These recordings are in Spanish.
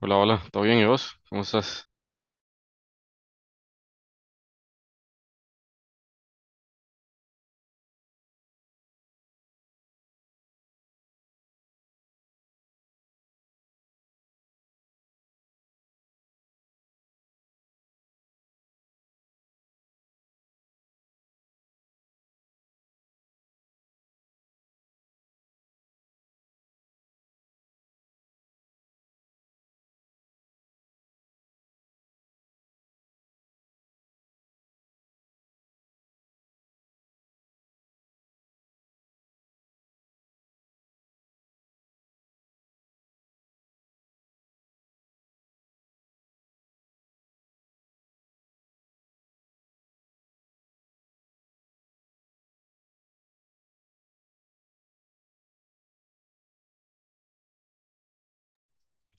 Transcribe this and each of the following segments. Hola, hola, ¿todo bien? ¿Y vos? ¿Cómo estás?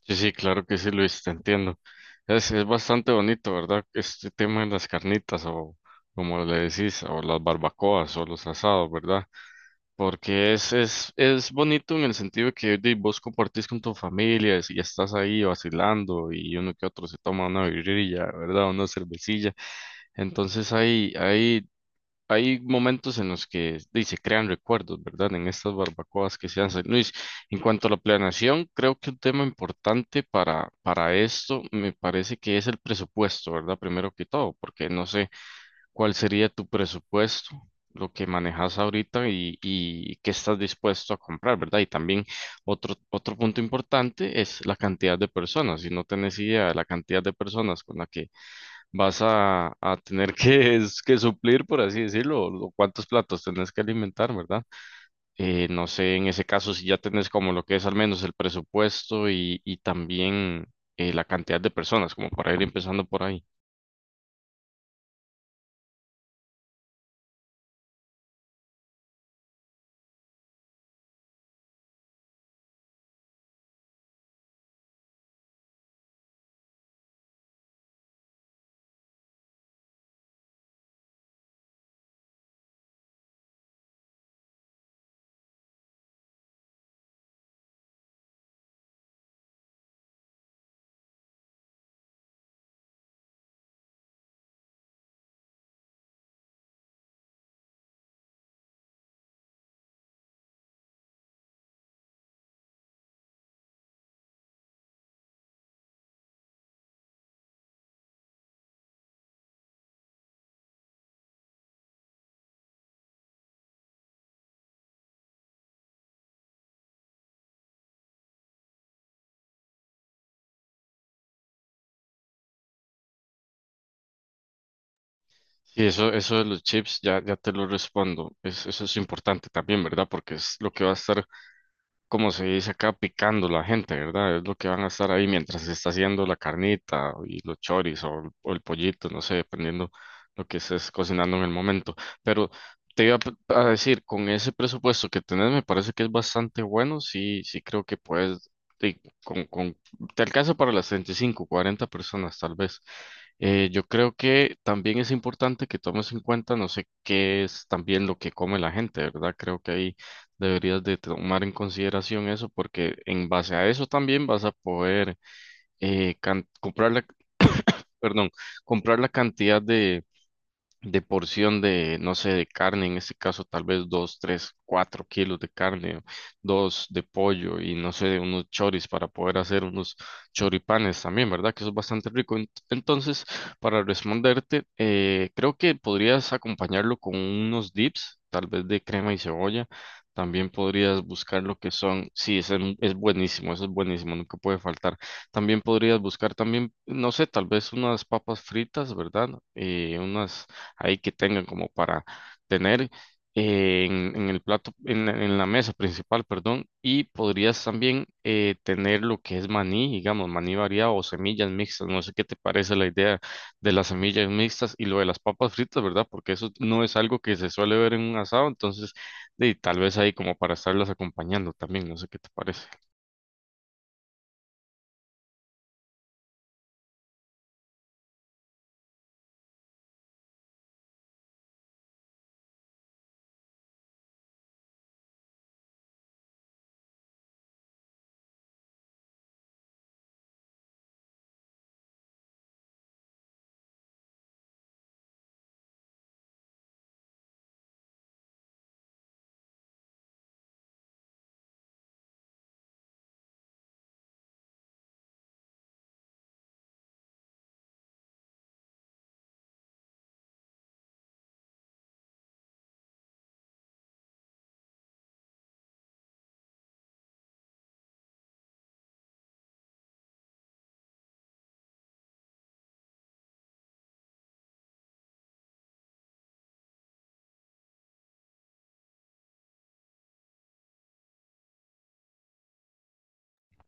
Sí, sí, claro que sí, Luis, te entiendo. Es bastante bonito, ¿verdad? Este tema de las carnitas o como le decís, o las barbacoas o los asados, ¿verdad? Porque es bonito en el sentido de que di, vos compartís con tu familia y estás ahí vacilando y uno que otro se toma una birrilla, ¿verdad? Una cervecilla. Entonces hay momentos en los que di, se crean recuerdos, ¿verdad? En estas barbacoas que se hacen. Luis, en cuanto a la planeación, creo que un tema importante para esto me parece que es el presupuesto, ¿verdad? Primero que todo, porque no sé cuál sería tu presupuesto, lo que manejas ahorita y qué estás dispuesto a comprar, ¿verdad? Y también otro punto importante es la cantidad de personas. Si no tenés idea de la cantidad de personas con la que vas a tener que, que suplir, por así decirlo, o cuántos platos tenés que alimentar, ¿verdad? No sé, en ese caso, si ya tenés como lo que es al menos el presupuesto y también la cantidad de personas, como para ir empezando por ahí. Sí, eso de los chips, ya te lo respondo. Eso es importante también, ¿verdad? Porque es lo que va a estar como se dice acá, picando la gente, ¿verdad? Es lo que van a estar ahí mientras se está haciendo la carnita y los choris o, el pollito, no sé, dependiendo lo que estés cocinando en el momento. Pero te iba a decir, con ese presupuesto que tenés, me parece que es bastante bueno, sí, sí creo que puedes, sí, te alcanza para las 35, 40 personas tal vez. Yo creo que también es importante que tomes en cuenta, no sé qué es también lo que come la gente, ¿verdad? Creo que ahí deberías de tomar en consideración eso porque en base a eso también vas a poder comprar la, perdón, comprar la cantidad de porción de, no sé, de carne, en este caso tal vez dos, tres, cuatro kilos de carne, dos de pollo y no sé, unos choris para poder hacer unos choripanes también, ¿verdad? Que eso es bastante rico. Entonces, para responderte, creo que podrías acompañarlo con unos dips, tal vez de crema y cebolla. También podrías buscar lo que son, sí, ese es buenísimo, eso es buenísimo, nunca puede faltar. También podrías buscar también, no sé, tal vez unas papas fritas, ¿verdad? Unas ahí que tengan como para tener en el plato, en la mesa principal, perdón, y podrías también tener lo que es maní, digamos, maní variado o semillas mixtas, no sé qué te parece la idea de las semillas mixtas y lo de las papas fritas, ¿verdad? Porque eso no es algo que se suele ver en un asado, entonces de, tal vez ahí como para estarlas acompañando también, no sé qué te parece.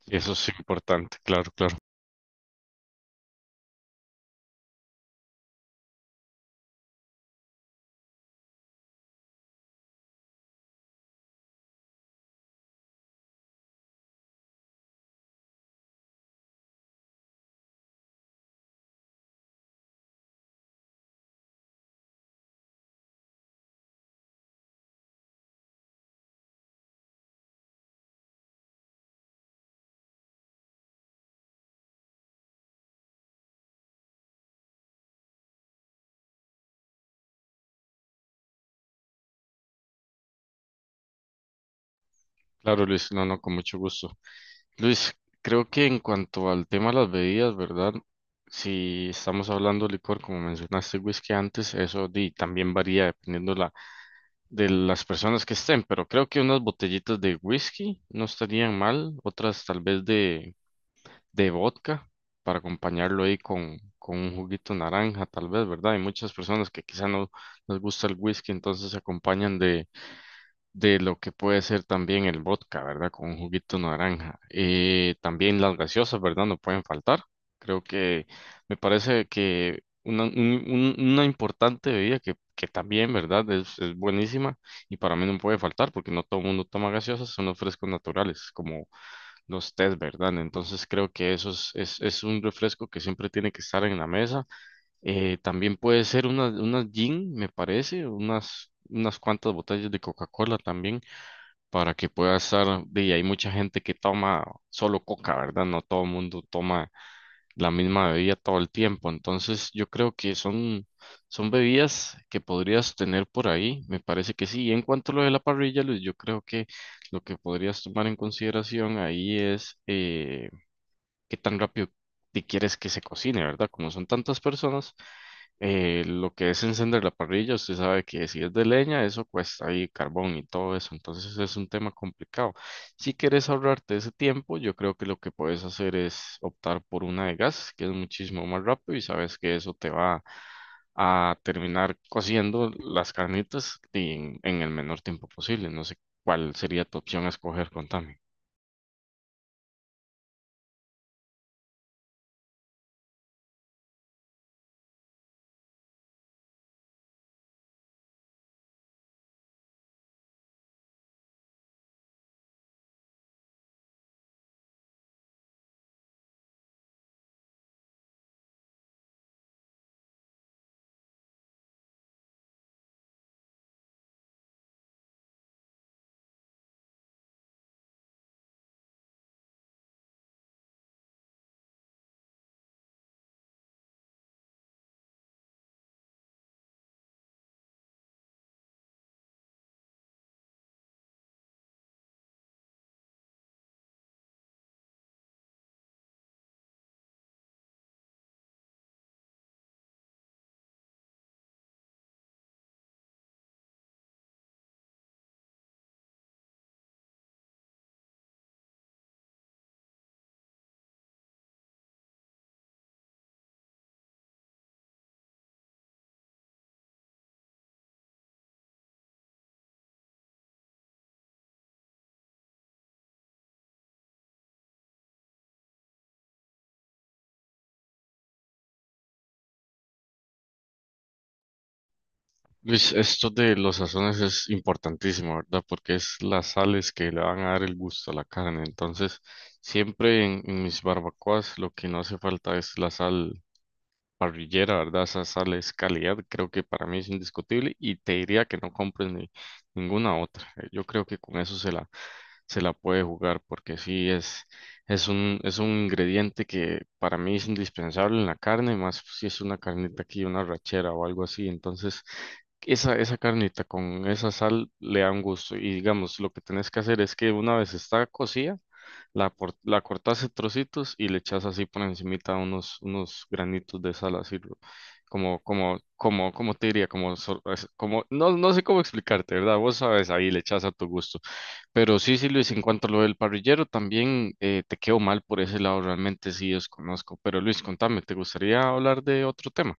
Eso es importante, claro, claro. Claro, Luis, no, no, con mucho gusto. Luis, creo que en cuanto al tema de las bebidas, ¿verdad? Si estamos hablando de licor, como mencionaste, whisky antes, eso di, también varía dependiendo la, de las personas que estén, pero creo que unas botellitas de whisky no estarían mal, otras tal vez de vodka para acompañarlo ahí con un juguito naranja, tal vez, ¿verdad? Hay muchas personas que quizá no les gusta el whisky, entonces se acompañan de lo que puede ser también el vodka, ¿verdad? Con un juguito de naranja. También las gaseosas, ¿verdad? No pueden faltar. Creo que me parece que una, una importante bebida que también, ¿verdad? Es buenísima y para mí no puede faltar porque no todo el mundo toma gaseosas, son los frescos naturales, como los tés, ¿verdad? Entonces creo que eso es un refresco que siempre tiene que estar en la mesa. También puede ser unas gin, me parece, unas cuantas botellas de Coca-Cola también para que pueda estar, y hay mucha gente que toma solo coca, ¿verdad? No todo el mundo toma la misma bebida todo el tiempo, entonces yo creo que son bebidas que podrías tener por ahí, me parece que sí. Y en cuanto a lo de la parrilla, Luis, yo creo que lo que podrías tomar en consideración ahí es... qué tan rápido te quieres que se cocine, ¿verdad? Como son tantas personas, lo que es encender la parrilla, usted sabe que si es de leña, eso cuesta ahí carbón y todo eso, entonces es un tema complicado. Si quieres ahorrarte ese tiempo, yo creo que lo que puedes hacer es optar por una de gas, que es muchísimo más rápido y sabes que eso te va a terminar cociendo las carnitas y en el menor tiempo posible. No sé cuál sería tu opción a escoger, contame. Luis, esto de los sazones es importantísimo, ¿verdad? Porque es las sales que le van a dar el gusto a la carne. Entonces, siempre en mis barbacoas lo que no hace falta es la sal parrillera, ¿verdad? Esa sal es calidad, creo que para mí es indiscutible y te diría que no compres ni, ninguna otra. Yo creo que con eso se la puede jugar porque sí es un ingrediente que para mí es indispensable en la carne, más si es una carnita aquí, una rachera o algo así. Entonces, esa carnita con esa sal le da un gusto. Y digamos, lo que tenés que hacer es que una vez está cocida, la, la cortas en trocitos y le echas así por encimita unos granitos de sal, así como, como, como, como te diría, como, como, no, no sé cómo explicarte, ¿verdad? Vos sabes, ahí le echas a tu gusto. Pero sí, sí, Luis, en cuanto a lo del parrillero, también te quedo mal por ese lado, realmente sí desconozco. Pero Luis, contame, ¿te gustaría hablar de otro tema?